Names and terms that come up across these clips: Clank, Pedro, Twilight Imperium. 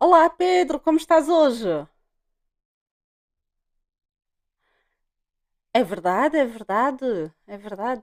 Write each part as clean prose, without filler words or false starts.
Olá Pedro, como estás hoje? É verdade, é verdade, é verdade.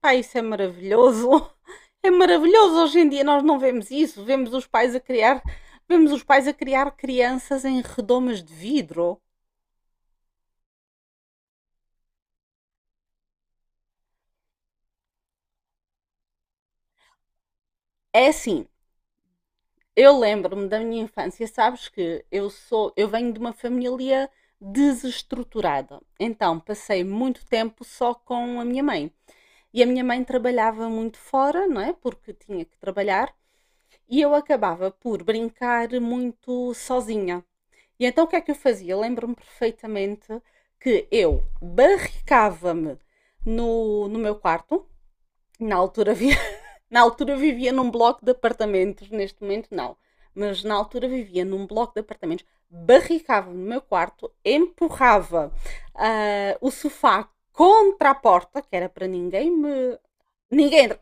Pá, isso é maravilhoso. É maravilhoso. Hoje em dia nós não vemos isso. Vemos os pais a criar crianças em redomas de vidro. É assim, eu lembro-me da minha infância, sabes que eu venho de uma família desestruturada. Então, passei muito tempo só com a minha mãe. E a minha mãe trabalhava muito fora, não é? Porque tinha que trabalhar. E eu acabava por brincar muito sozinha. E então o que é que eu fazia? Lembro-me perfeitamente que eu barricava-me no meu quarto, na altura havia. Na altura vivia num bloco de apartamentos, neste momento não. Mas na altura vivia num bloco de apartamentos, barricava no meu quarto, empurrava o sofá contra a porta, que era para ninguém me. Ninguém.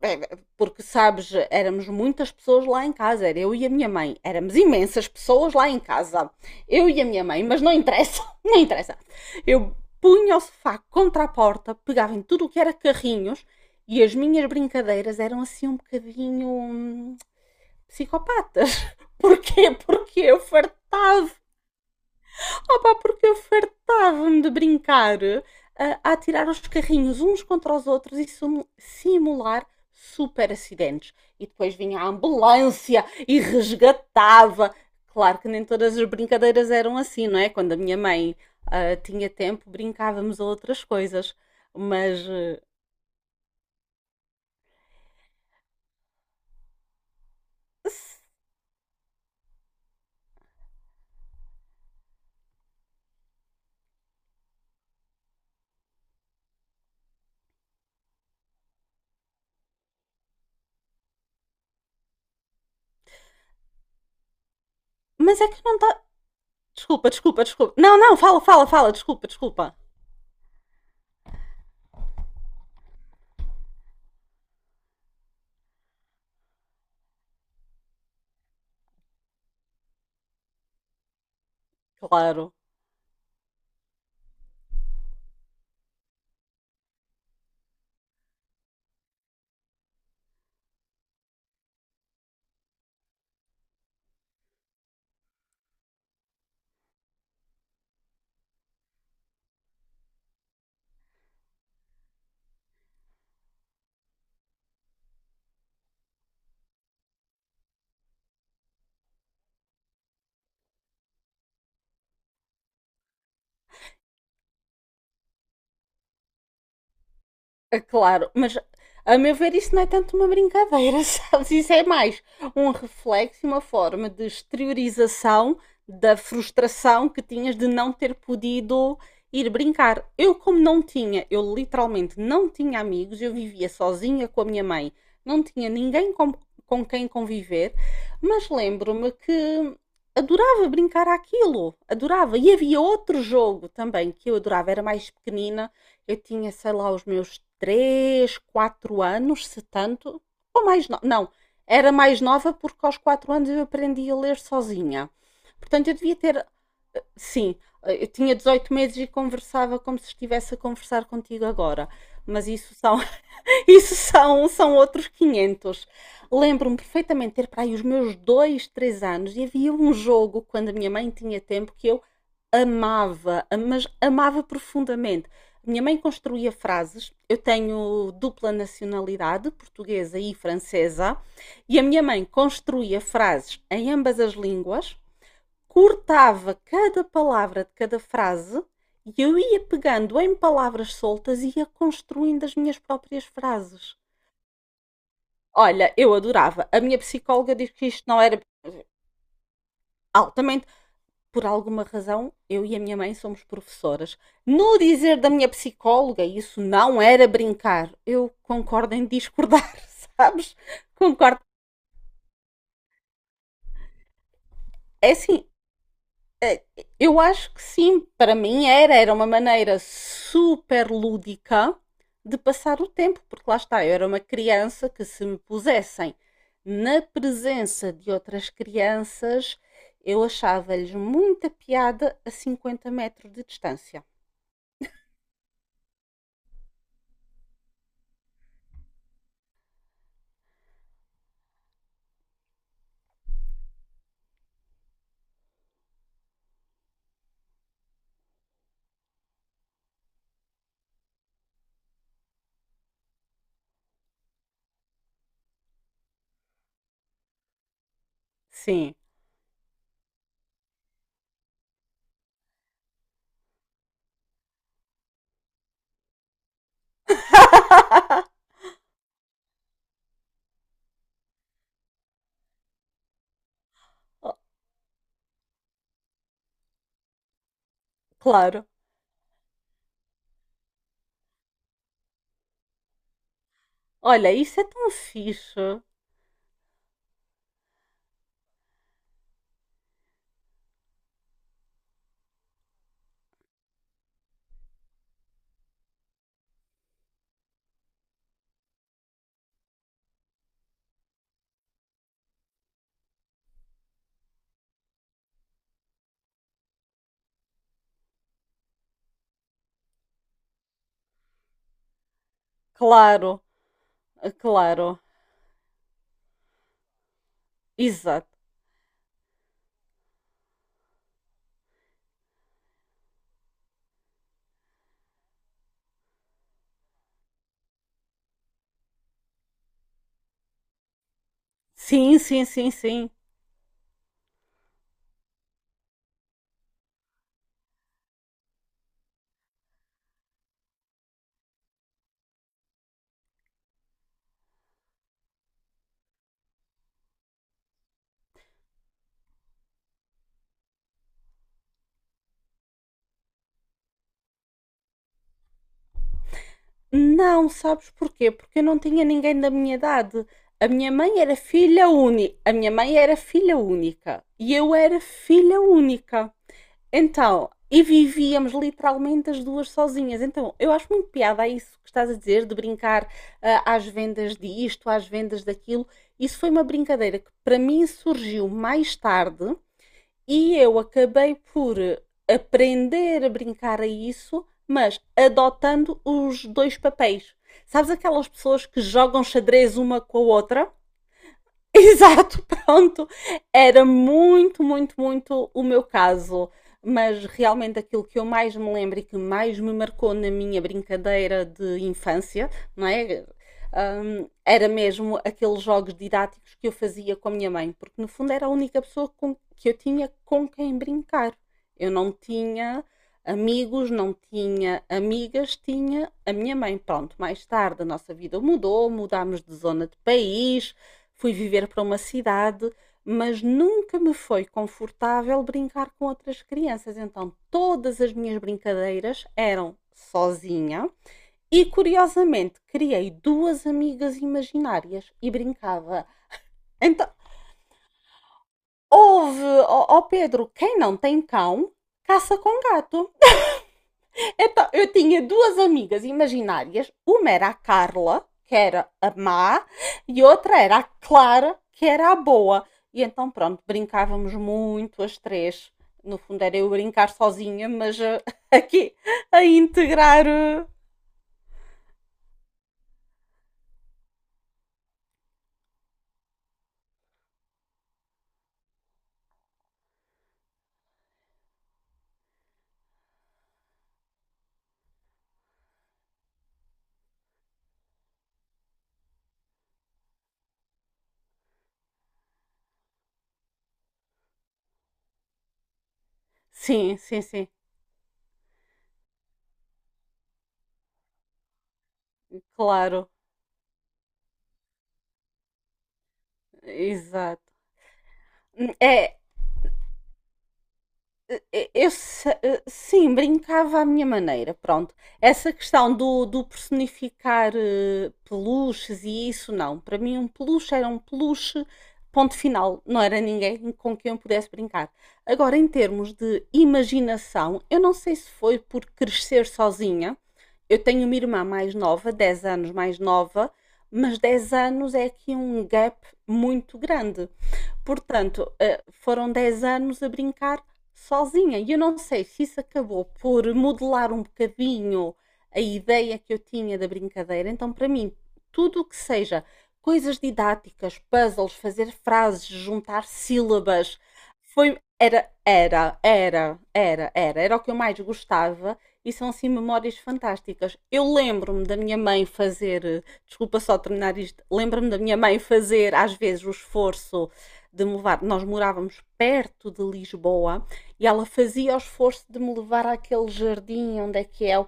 Porque, sabes, éramos muitas pessoas lá em casa, era eu e a minha mãe, éramos imensas pessoas lá em casa, eu e a minha mãe, mas não interessa, não interessa. Eu punha o sofá contra a porta, pegava em tudo o que era carrinhos e as minhas brincadeiras eram assim um bocadinho psicopatas. Porquê? Porque eu fartava. Opa, porque eu fartava-me de brincar a atirar os carrinhos uns contra os outros e simular super acidentes. E depois vinha a ambulância e resgatava. Claro que nem todas as brincadeiras eram assim, não é? Quando a minha mãe tinha tempo, brincávamos a outras coisas. Mas, eh, mas é que eu não, tá. Desculpa, desculpa, desculpa. Não, não, fala, fala, fala, desculpa, desculpa. Claro. É claro, mas a meu ver isso não é tanto uma brincadeira, sabes? Isso é mais um reflexo e uma forma de exteriorização da frustração que tinhas de não ter podido ir brincar. Eu, como não tinha, eu literalmente não tinha amigos, eu vivia sozinha com a minha mãe, não tinha ninguém com quem conviver, mas lembro-me que adorava brincar àquilo, adorava. E havia outro jogo também que eu adorava, era mais pequenina, eu tinha, sei lá, os meus 3, 4 anos, se tanto, ou mais não, era mais nova porque aos 4 anos eu aprendi a ler sozinha. Portanto, eu devia ter, sim, eu tinha 18 meses e conversava como se estivesse a conversar contigo agora, mas isso são Isso são outros 500. Lembro-me perfeitamente ter para aí os meus 2, 3 anos e havia um jogo quando a minha mãe tinha tempo que eu amava, mas amava profundamente. A minha mãe construía frases. Eu tenho dupla nacionalidade, portuguesa e francesa, e a minha mãe construía frases em ambas as línguas, cortava cada palavra de cada frase e eu ia pegando em palavras soltas e ia construindo as minhas próprias frases. Olha, eu adorava. A minha psicóloga disse que isto não era altamente. Por alguma razão, eu e a minha mãe somos professoras. No dizer da minha psicóloga, isso não era brincar. Eu concordo em discordar, sabes? Concordo. É assim, eu acho que sim, para mim era, era uma maneira super lúdica de passar o tempo, porque lá está, eu era uma criança que, se me pusessem na presença de outras crianças, eu achava-lhes muita piada a 50 metros de distância. Sim. Claro. Olha, isso é tão fixe. Claro, claro. Exato. Sim, sim, sim, sim. Não, sabes porquê? Porque eu não tinha ninguém da minha idade. A minha mãe era filha única. A minha mãe era filha única. E eu era filha única. Então, e vivíamos literalmente as duas sozinhas. Então, eu acho muito piada a isso que estás a dizer, de brincar às vendas disto, às vendas daquilo. Isso foi uma brincadeira que para mim surgiu mais tarde e eu acabei por aprender a brincar a isso, mas adotando os dois papéis. Sabes aquelas pessoas que jogam xadrez uma com a outra? Exato, pronto. Era muito, muito, muito o meu caso. Mas realmente aquilo que eu mais me lembro e que mais me marcou na minha brincadeira de infância, não é? Era mesmo aqueles jogos didáticos que eu fazia com a minha mãe, porque no fundo era a única pessoa com- que eu tinha com quem brincar. Eu não tinha amigos, não tinha amigas, tinha a minha mãe. Pronto, mais tarde a nossa vida mudou, mudámos de zona, de país, fui viver para uma cidade, mas nunca me foi confortável brincar com outras crianças. Então, todas as minhas brincadeiras eram sozinha. E curiosamente, criei duas amigas imaginárias e brincava. Então, houve, ó Pedro, quem não tem cão, caça com gato. Então, eu tinha duas amigas imaginárias. Uma era a Carla, que era a má, e outra era a Clara, que era a boa. E então, pronto, brincávamos muito as três. No fundo, era eu brincar sozinha, mas aqui a integrar. Sim, sim, sim, claro, exato. É, eh, eu se- eh, sim, brincava à minha maneira, pronto. Essa questão do, do personificar peluches e isso, não. Para mim, um peluche era um peluche, ponto final. Não era ninguém com quem eu pudesse brincar. Agora, em termos de imaginação, eu não sei se foi por crescer sozinha. Eu tenho uma irmã mais nova, 10 anos mais nova, mas 10 anos é aqui um gap muito grande. Portanto, foram 10 anos a brincar sozinha. E eu não sei se isso acabou por modelar um bocadinho a ideia que eu tinha da brincadeira. Então, para mim, tudo o que seja coisas didáticas, puzzles, fazer frases, juntar sílabas, foi era era era era era era o que eu mais gostava e são assim memórias fantásticas. Eu lembro-me da minha mãe fazer, desculpa só terminar isto, lembro-me da minha mãe fazer às vezes o esforço de me levar. Nós morávamos perto de Lisboa e ela fazia o esforço de me levar àquele jardim onde é que é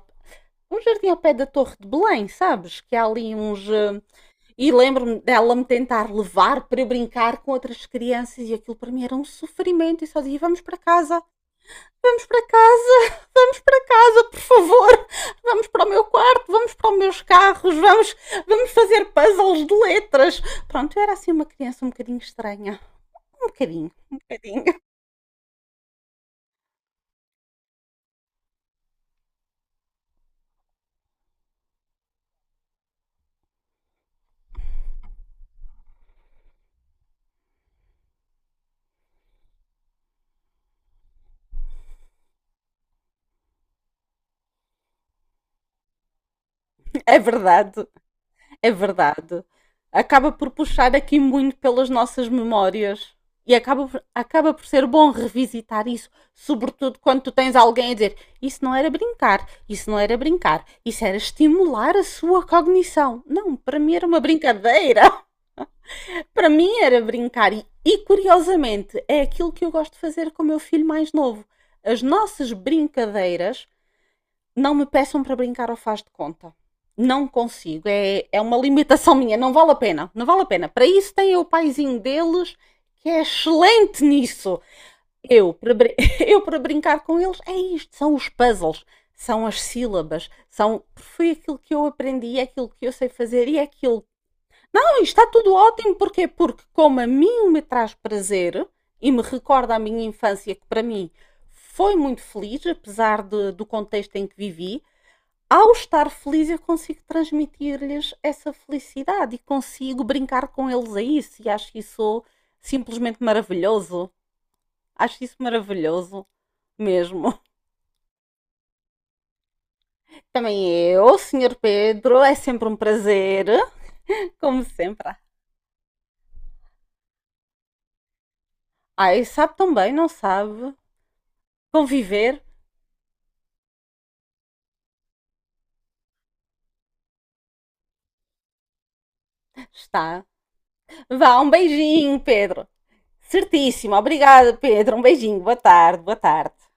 um jardim ao pé da Torre de Belém, sabes? Que há ali uns. E lembro-me dela me tentar levar para eu brincar com outras crianças e aquilo para mim era um sofrimento. E só dizia: vamos para casa, vamos para casa, por favor, vamos para o meu quarto, vamos para os meus carros, vamos, vamos fazer puzzles de letras. Pronto, eu era assim uma criança um bocadinho estranha. Um bocadinho, um bocadinho. É verdade, é verdade. Acaba por puxar aqui muito pelas nossas memórias. E acaba por ser bom revisitar isso, sobretudo quando tu tens alguém a dizer isso não era brincar, isso não era brincar, isso era estimular a sua cognição. Não, para mim era uma brincadeira. Para mim era brincar. E, curiosamente, é aquilo que eu gosto de fazer com o meu filho mais novo. As nossas brincadeiras. Não me peçam para brincar ao faz de conta. Não consigo. É, é uma limitação minha. Não vale a pena. Não vale a pena. Para isso tem o paizinho deles, que é excelente nisso. Eu para, eu, para brincar com eles, é isto. São os puzzles. São as sílabas. São, foi aquilo que eu aprendi, é aquilo que eu sei fazer e é aquilo. Não, está tudo ótimo. Porquê? Porque como a mim me traz prazer e me recorda a minha infância, que para mim foi muito feliz, apesar do contexto em que vivi, ao estar feliz, eu consigo transmitir-lhes essa felicidade e consigo brincar com eles a isso. E acho isso simplesmente maravilhoso. Acho isso maravilhoso mesmo. Também eu, senhor Pedro, é sempre um prazer, como sempre. Ai, sabe também, não sabe? Conviver está. Vá, um beijinho, Pedro. Certíssimo, obrigada, Pedro. Um beijinho, boa tarde, boa tarde.